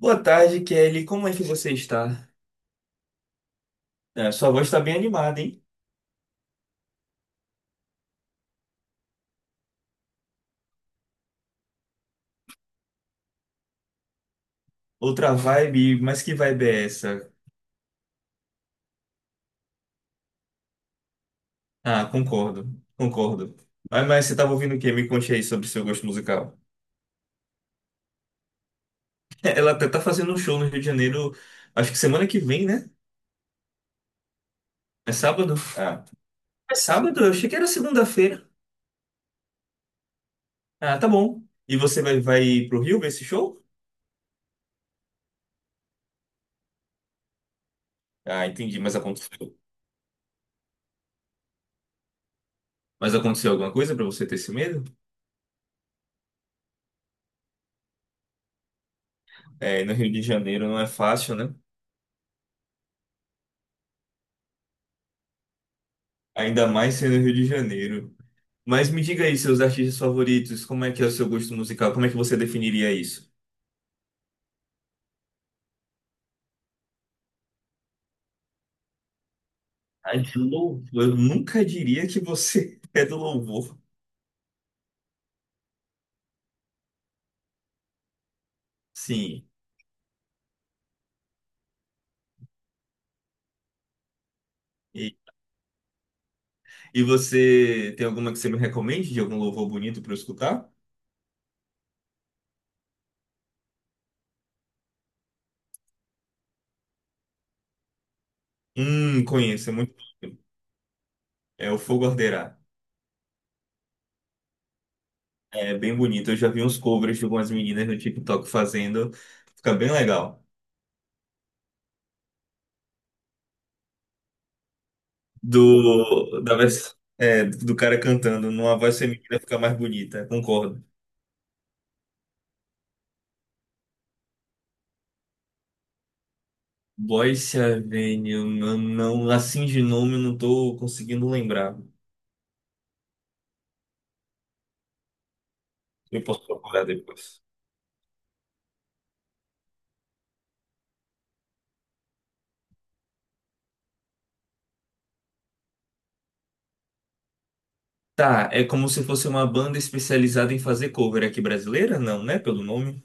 Boa tarde, Kelly. Como é que você está? É, sua voz está bem animada, hein? Outra vibe, mas que vibe é essa? Ah, concordo, concordo. Mas você estava ouvindo o quê? Me conte aí sobre seu gosto musical. Ela até tá fazendo um show no Rio de Janeiro, acho que semana que vem, né? É sábado? Ah, é sábado? Eu achei que era segunda-feira. Ah, tá bom. E você vai pro Rio ver esse show? Ah, entendi, mas aconteceu. Mas aconteceu alguma coisa para você ter esse medo? É, no Rio de Janeiro não é fácil, né? Ainda mais sendo Rio de Janeiro. Mas me diga aí, seus artistas favoritos, como é que é o seu gosto musical? Como é que você definiria isso? Ah, de louvor. Eu nunca diria que você é do louvor. Sim. E, e você tem alguma que você me recomende de algum louvor bonito para eu escutar? Conheço, é muito. É o Fogo Arderá. É bem bonito. Eu já vi uns covers de algumas meninas no TikTok fazendo. Fica bem legal. Da é, do cara cantando numa voz feminina fica mais bonita, concordo. Boyce Avenue, não, assim de nome eu não tô conseguindo lembrar. Eu posso procurar depois. Tá, é como se fosse uma banda especializada em fazer cover aqui brasileira? Não, né? Pelo nome.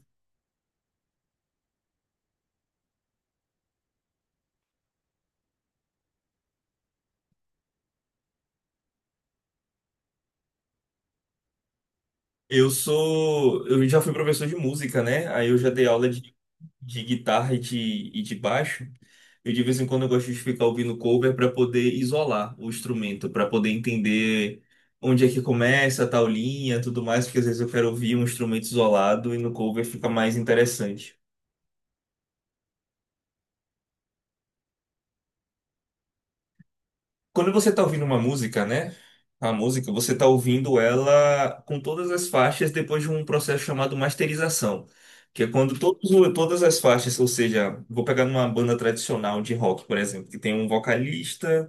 Eu já fui professor de música, né? Aí eu já dei aula de guitarra e de baixo. Eu de vez em quando eu gosto de ficar ouvindo cover para poder isolar o instrumento, para poder entender onde é que começa, a tal linha, tudo mais, porque às vezes eu quero ouvir um instrumento isolado e no cover fica mais interessante. Quando você tá ouvindo uma música, né? A música, você tá ouvindo ela com todas as faixas depois de um processo chamado masterização, que é quando todas as faixas, ou seja, vou pegar numa banda tradicional de rock, por exemplo, que tem um vocalista,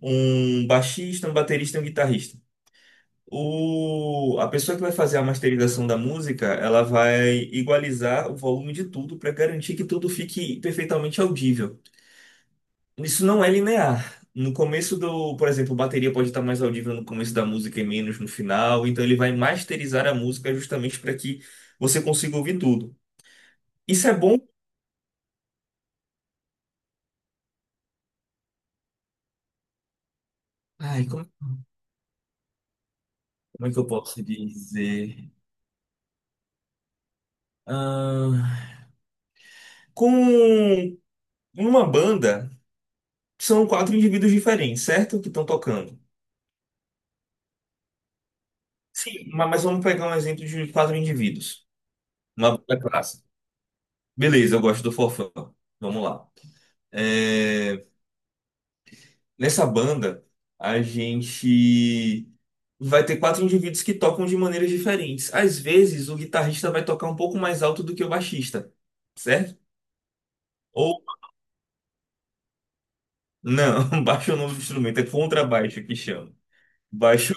um baixista, um baterista e um guitarrista. A pessoa que vai fazer a masterização da música, ela vai igualizar o volume de tudo para garantir que tudo fique perfeitamente audível. Isso não é linear. No começo do, por exemplo, bateria pode estar mais audível no começo da música e menos no final, então ele vai masterizar a música justamente para que você consiga ouvir tudo. Isso é bom. Ai, como, como é que eu posso dizer? Ah, com uma banda, são quatro indivíduos diferentes, certo? Que estão tocando. Sim, mas vamos pegar um exemplo de quatro indivíduos. Uma banda clássica. Beleza, eu gosto do Forfã. Vamos lá. É, nessa banda, a gente vai ter quatro indivíduos que tocam de maneiras diferentes. Às vezes, o guitarrista vai tocar um pouco mais alto do que o baixista, certo? Ou não, baixo é o nome do instrumento, é contrabaixo que chama. Baixo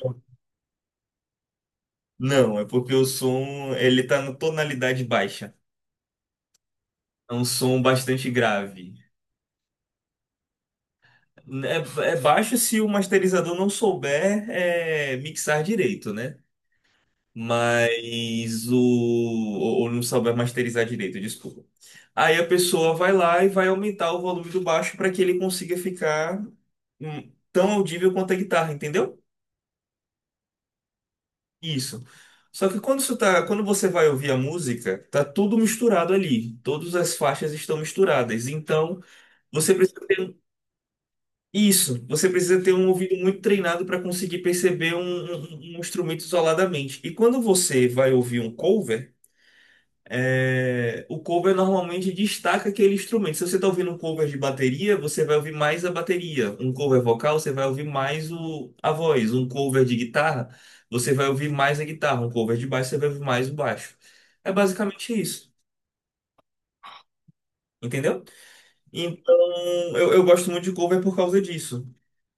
não, é porque o som ele tá na tonalidade baixa. É um som bastante grave. É, é baixo se o masterizador não souber mixar direito, né? Mas o ou não souber masterizar direito, desculpa. Aí a pessoa vai lá e vai aumentar o volume do baixo para que ele consiga ficar tão audível quanto a guitarra, entendeu? Isso. Só que quando você vai ouvir a música, tá tudo misturado ali. Todas as faixas estão misturadas. Então, você precisa ter um- isso, você precisa ter um ouvido muito treinado para conseguir perceber um instrumento isoladamente. E quando você vai ouvir um cover é, o cover normalmente destaca aquele instrumento. Se você está ouvindo um cover de bateria, você vai ouvir mais a bateria. Um cover vocal, você vai ouvir mais a voz. Um cover de guitarra, você vai ouvir mais a guitarra. Um cover de baixo, você vai ouvir mais o baixo. É basicamente isso, entendeu? Então, eu gosto muito de cover por causa disso.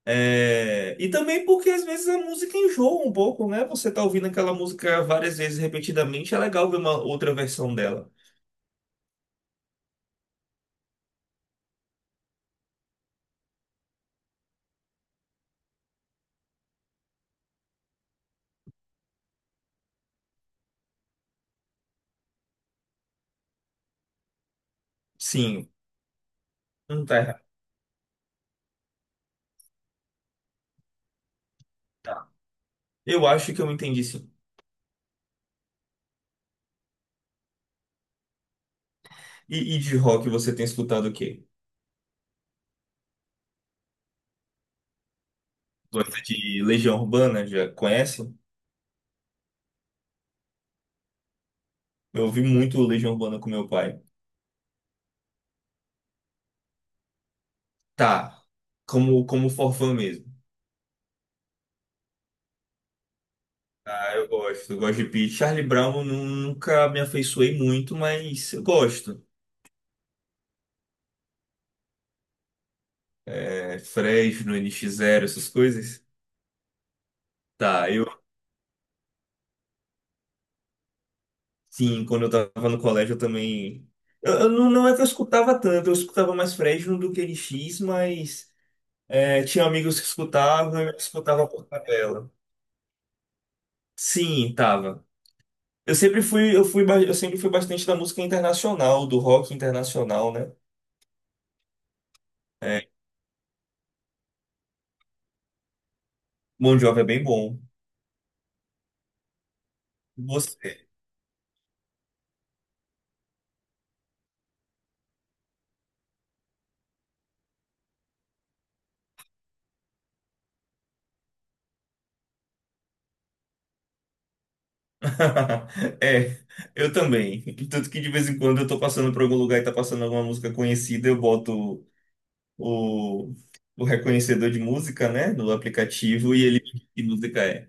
É, e também porque às vezes a música enjoa um pouco, né? Você tá ouvindo aquela música várias vezes repetidamente, é legal ver uma outra versão dela. Sim, não tá errado. Eu acho que eu entendi sim. E de rock você tem escutado o quê? Gosta de Legião Urbana? Já conhece? Eu ouvi muito Legião Urbana com meu pai. Tá. Como forfã mesmo. Ah, eu gosto. Eu gosto de Pete. Charlie Brown eu nunca me afeiçoei muito, mas eu gosto. É, Fresno, NX Zero, essas coisas. Tá, eu. Sim, quando eu tava no colégio eu também. Eu não, não é que eu escutava tanto, eu escutava mais Fresno do que NX, mas é, tinha amigos que escutavam e eu escutava por tabela. Sim, tava. Eu sempre fui bastante da música internacional, do rock internacional, né? É, Bon Jovi é bem bom. Você. É, eu também. Tanto que de vez em quando eu tô passando por algum lugar e tá passando alguma música conhecida, eu boto o, o reconhecedor de música, né, no aplicativo e ele me diz que música é.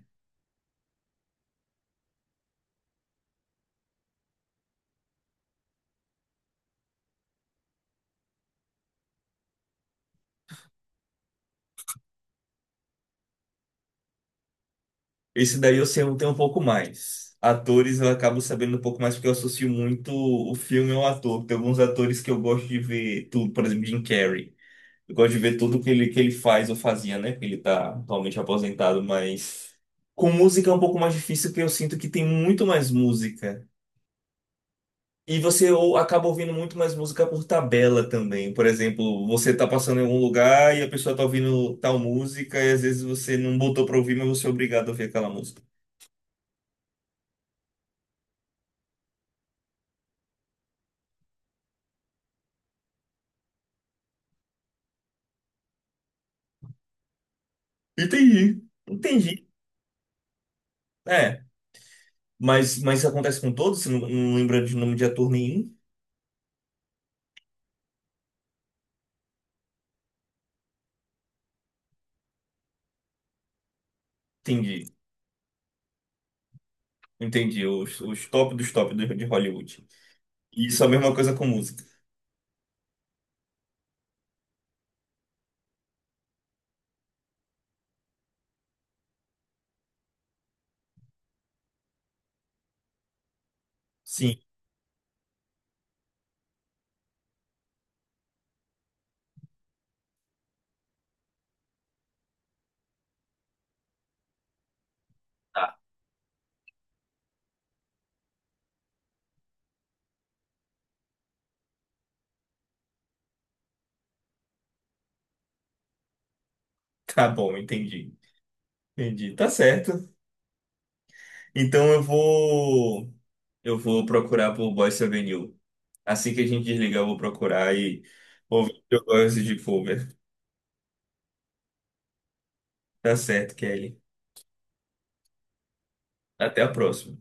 Esse daí eu sei tem um pouco mais. Atores eu acabo sabendo um pouco mais porque eu associo muito o filme ao ator. Tem alguns atores que eu gosto de ver tudo, por exemplo, Jim Carrey. Eu gosto de ver tudo que ele faz ou fazia, né? Ele tá atualmente aposentado, mas com música é um pouco mais difícil, porque eu sinto que tem muito mais música. Acaba ouvindo muito mais música por tabela também. Por exemplo, você tá passando em algum lugar e a pessoa tá ouvindo tal música, e às vezes você não botou pra ouvir, mas você é obrigado a ouvir aquela música. Entendi. Entendi. É. Mas isso acontece com todos? Você não lembra de nome de ator nenhum? Entendi. Entendi. Os top dos top de Hollywood. Isso é a mesma coisa com música. Sim, tá bom, entendi. Entendi. Tá certo. Então eu vou procurar por Boyce Avenue. Assim que a gente desligar, eu vou procurar e ouvir o que eu gosto de cover. Tá certo, Kelly. Até a próxima.